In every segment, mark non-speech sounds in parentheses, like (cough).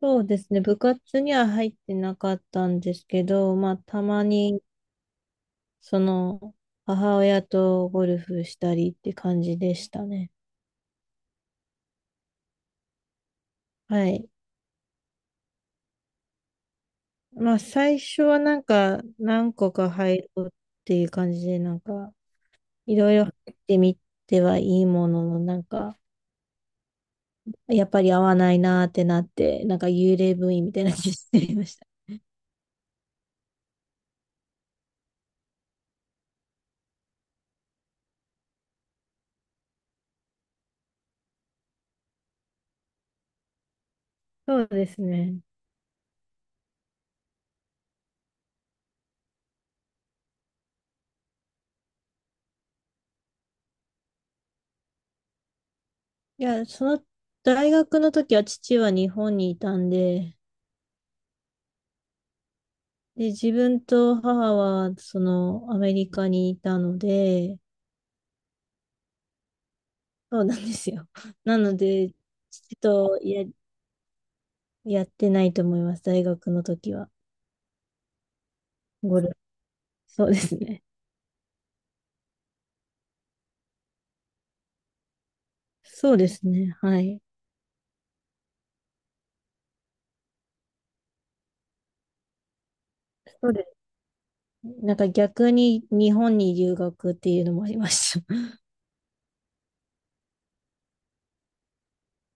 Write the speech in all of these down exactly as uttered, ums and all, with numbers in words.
そうですね。部活には入ってなかったんですけど、まあ、たまに、その、母親とゴルフしたりって感じでしたね。はい。まあ、最初はなんか、何個か入ろうっていう感じで、なんか、いろいろ入ってみてはいいものの、なんか、やっぱり合わないなーってなって、なんか幽霊部員みたいな感じになりました。そうですね。いや、その、大学の時は父は日本にいたんで、で、自分と母は、その、アメリカにいたので、そうなんですよ。(laughs) なので、父とや、やってないと思います。大学の時は。ゴルフ。そうですね。そうですね。はい。そうです。なんか逆に日本に留学っていうのもありました。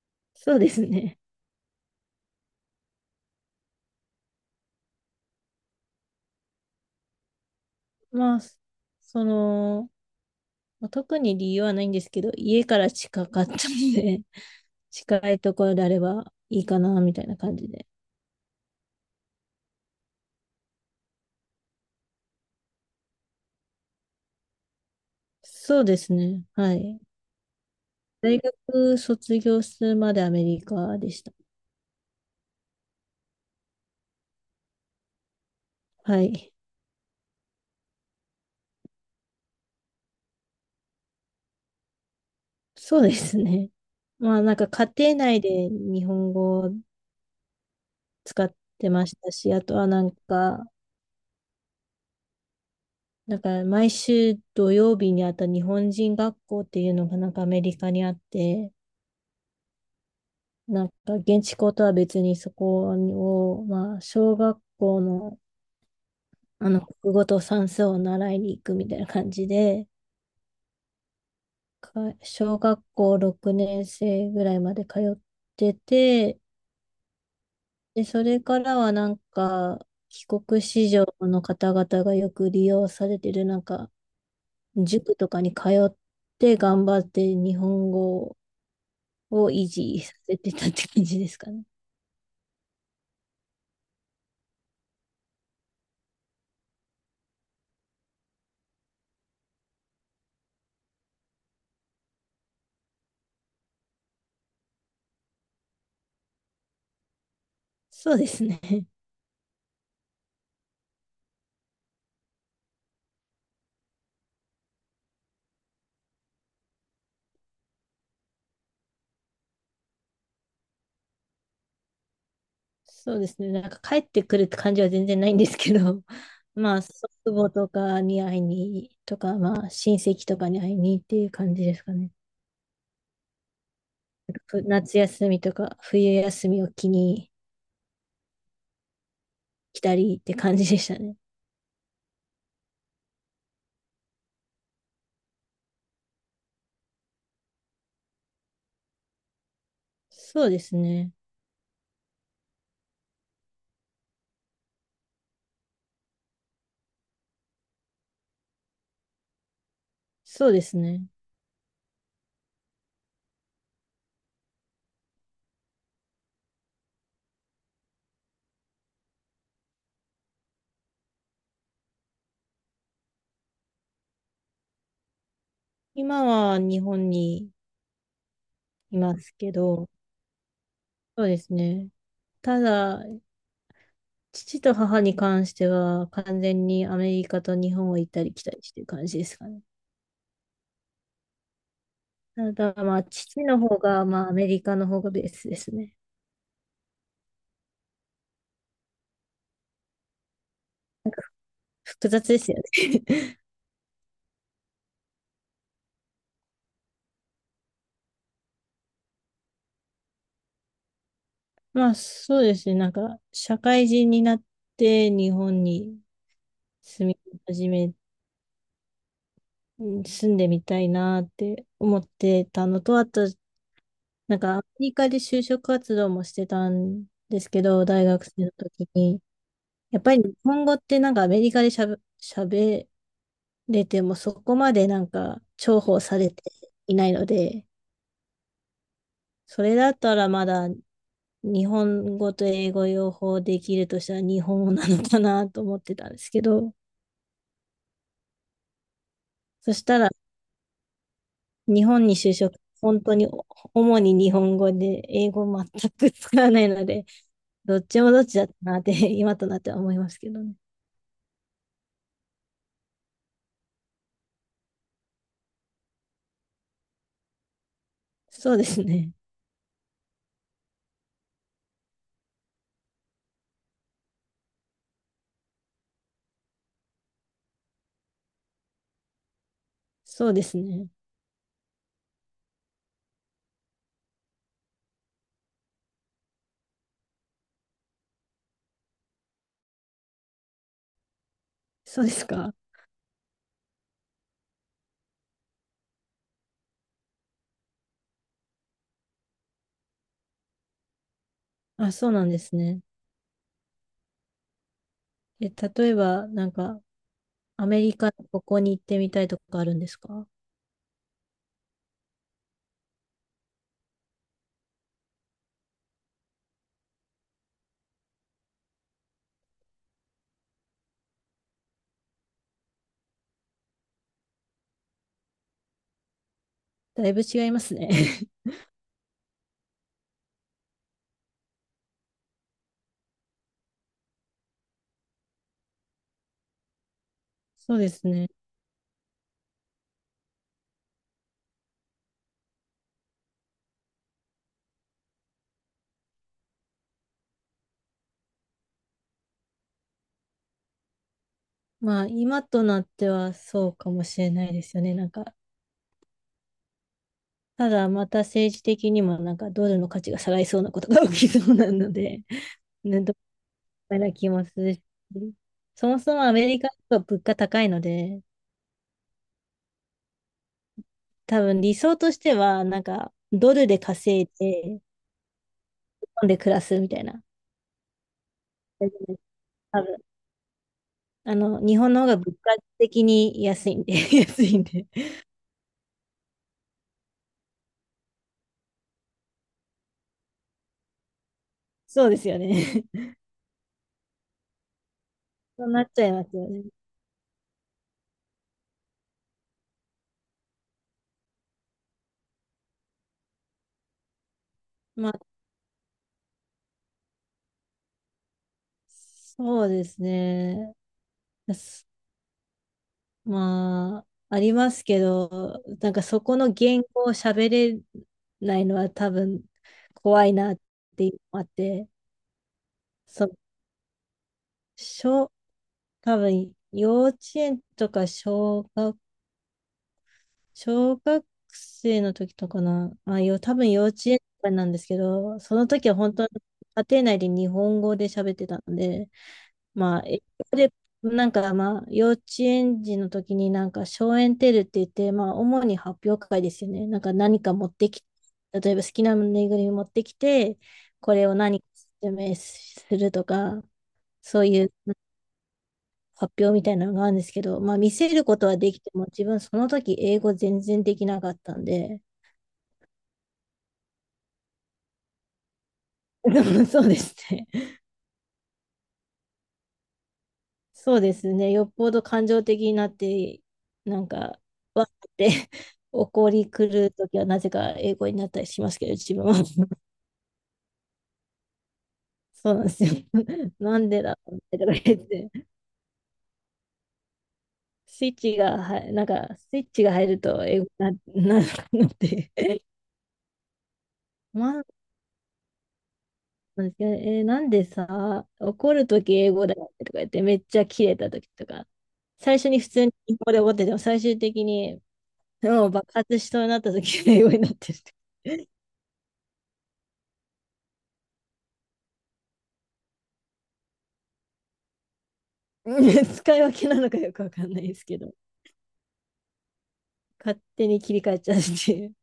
(laughs) そうですね。まあ、その、まあ特に理由はないんですけど、家から近かったので、(laughs) 近いところであればいいかな、みたいな感じで。そうですね。はい。大学卒業するまでアメリカでした。はい。そうですね。(laughs) まあなんか家庭内で日本語を使ってましたし、あとはなんか、なんか毎週土曜日にあった日本人学校っていうのがなんかアメリカにあって、なんか現地校とは別にそこを、まあ小学校のあの国語と算数を習いに行くみたいな感じで、か小学校ろくねん生ぐらいまで通ってて、で、それからはなんか、帰国子女の方々がよく利用されてる、なんか、塾とかに通って頑張って日本語を維持させてたって感じですかね。そうですね。(laughs) そうですね。なんか帰ってくるって感じは全然ないんですけど、(laughs) まあ、祖父母とかに会いに、とか、まあ、親戚とかに会いにっていう感じですかね。ふ夏休みとか冬休みを機に来たりって感じでしたね。そうですね。そうですね。今は日本にいますけど、そうですね。ただ、父と母に関しては、完全にアメリカと日本を行ったり来たりしてる感じですかね。ただ、まあ、父の方が、まあ、アメリカの方がベースですね。複雑ですよね。(laughs) まあ、そうですね。なんか、社会人になって日本に住み始め、住んでみたいなって思ってたのと、あと、なんかアメリカで就職活動もしてたんですけど、大学生の時に。やっぱり日本語ってなんかアメリカでしゃべ、喋れてもそこまでなんか重宝されていないので、それだったらまだ日本語と英語両方できるとしたら日本語なのかなと思ってたんですけど、そしたら日本に就職、本当に主に日本語で英語全く使わないので、どっちもどっちだったなって今となっては思いますけどね。そうですね。そうですね。そうですか。あ、そうなんですね。え、例えば、なんか、アメリカのここに行ってみたいとかあるんですか？だいぶ違いますね。(laughs) そうですね。まあ、今となってはそうかもしれないですよね。なんか、ただまた政治的にもなんかドルの価値が下がりそうなことが起きそうなので、(laughs) ね、どうな気もするし、そもそもアメリカは物価高いので、多分理想としては、なんか、ドルで稼いで、本で暮らすみたいな。大丈夫です多分。あの、日本の方が物価的に安いんで、(laughs) 安いんで。そうですよね。(laughs) そうなっちゃいますよね。まあ、そうですね。すまあ、ありますけど、なんかそこの言語を喋れないのは多分怖いなっていうのもあって、そう、小、多分幼稚園とか小学小学生の時とかな、あ、よ、多分幼稚園とかなんですけど、その時は本当に家庭内で日本語で喋ってたので、まあ、英語で、なんかまあ、幼稚園児の時になんか、小園テルって言って、まあ、主に発表会ですよね。なんか何か持ってき、例えば好きなぬいぐるみ持ってきて、これを何か説明するとか、そういう発表みたいなのがあるんですけど、まあ、見せることはできても、自分その時英語全然できなかったんで、(laughs) でもそうですね。そうですね。よっぽど感情的になって、なんか、わーって (laughs) 怒り狂うときはなぜか英語になったりしますけど、自分は。そうなんですよ。(laughs) なんでだろうってとか言って、スイッチがは、なんか、スイッチが入ると英語にな、なるのって。(laughs) まあ、なんですけどね、えーなんでさ、怒るとき英語だよってとか言って、めっちゃキレたときとか、最初に普通に英語で怒ってても、最終的にもう爆発しそうになった時が英語になってる。(laughs) 使い分けなのかよくわかんないですけど、勝手に切り替えちゃうっていう。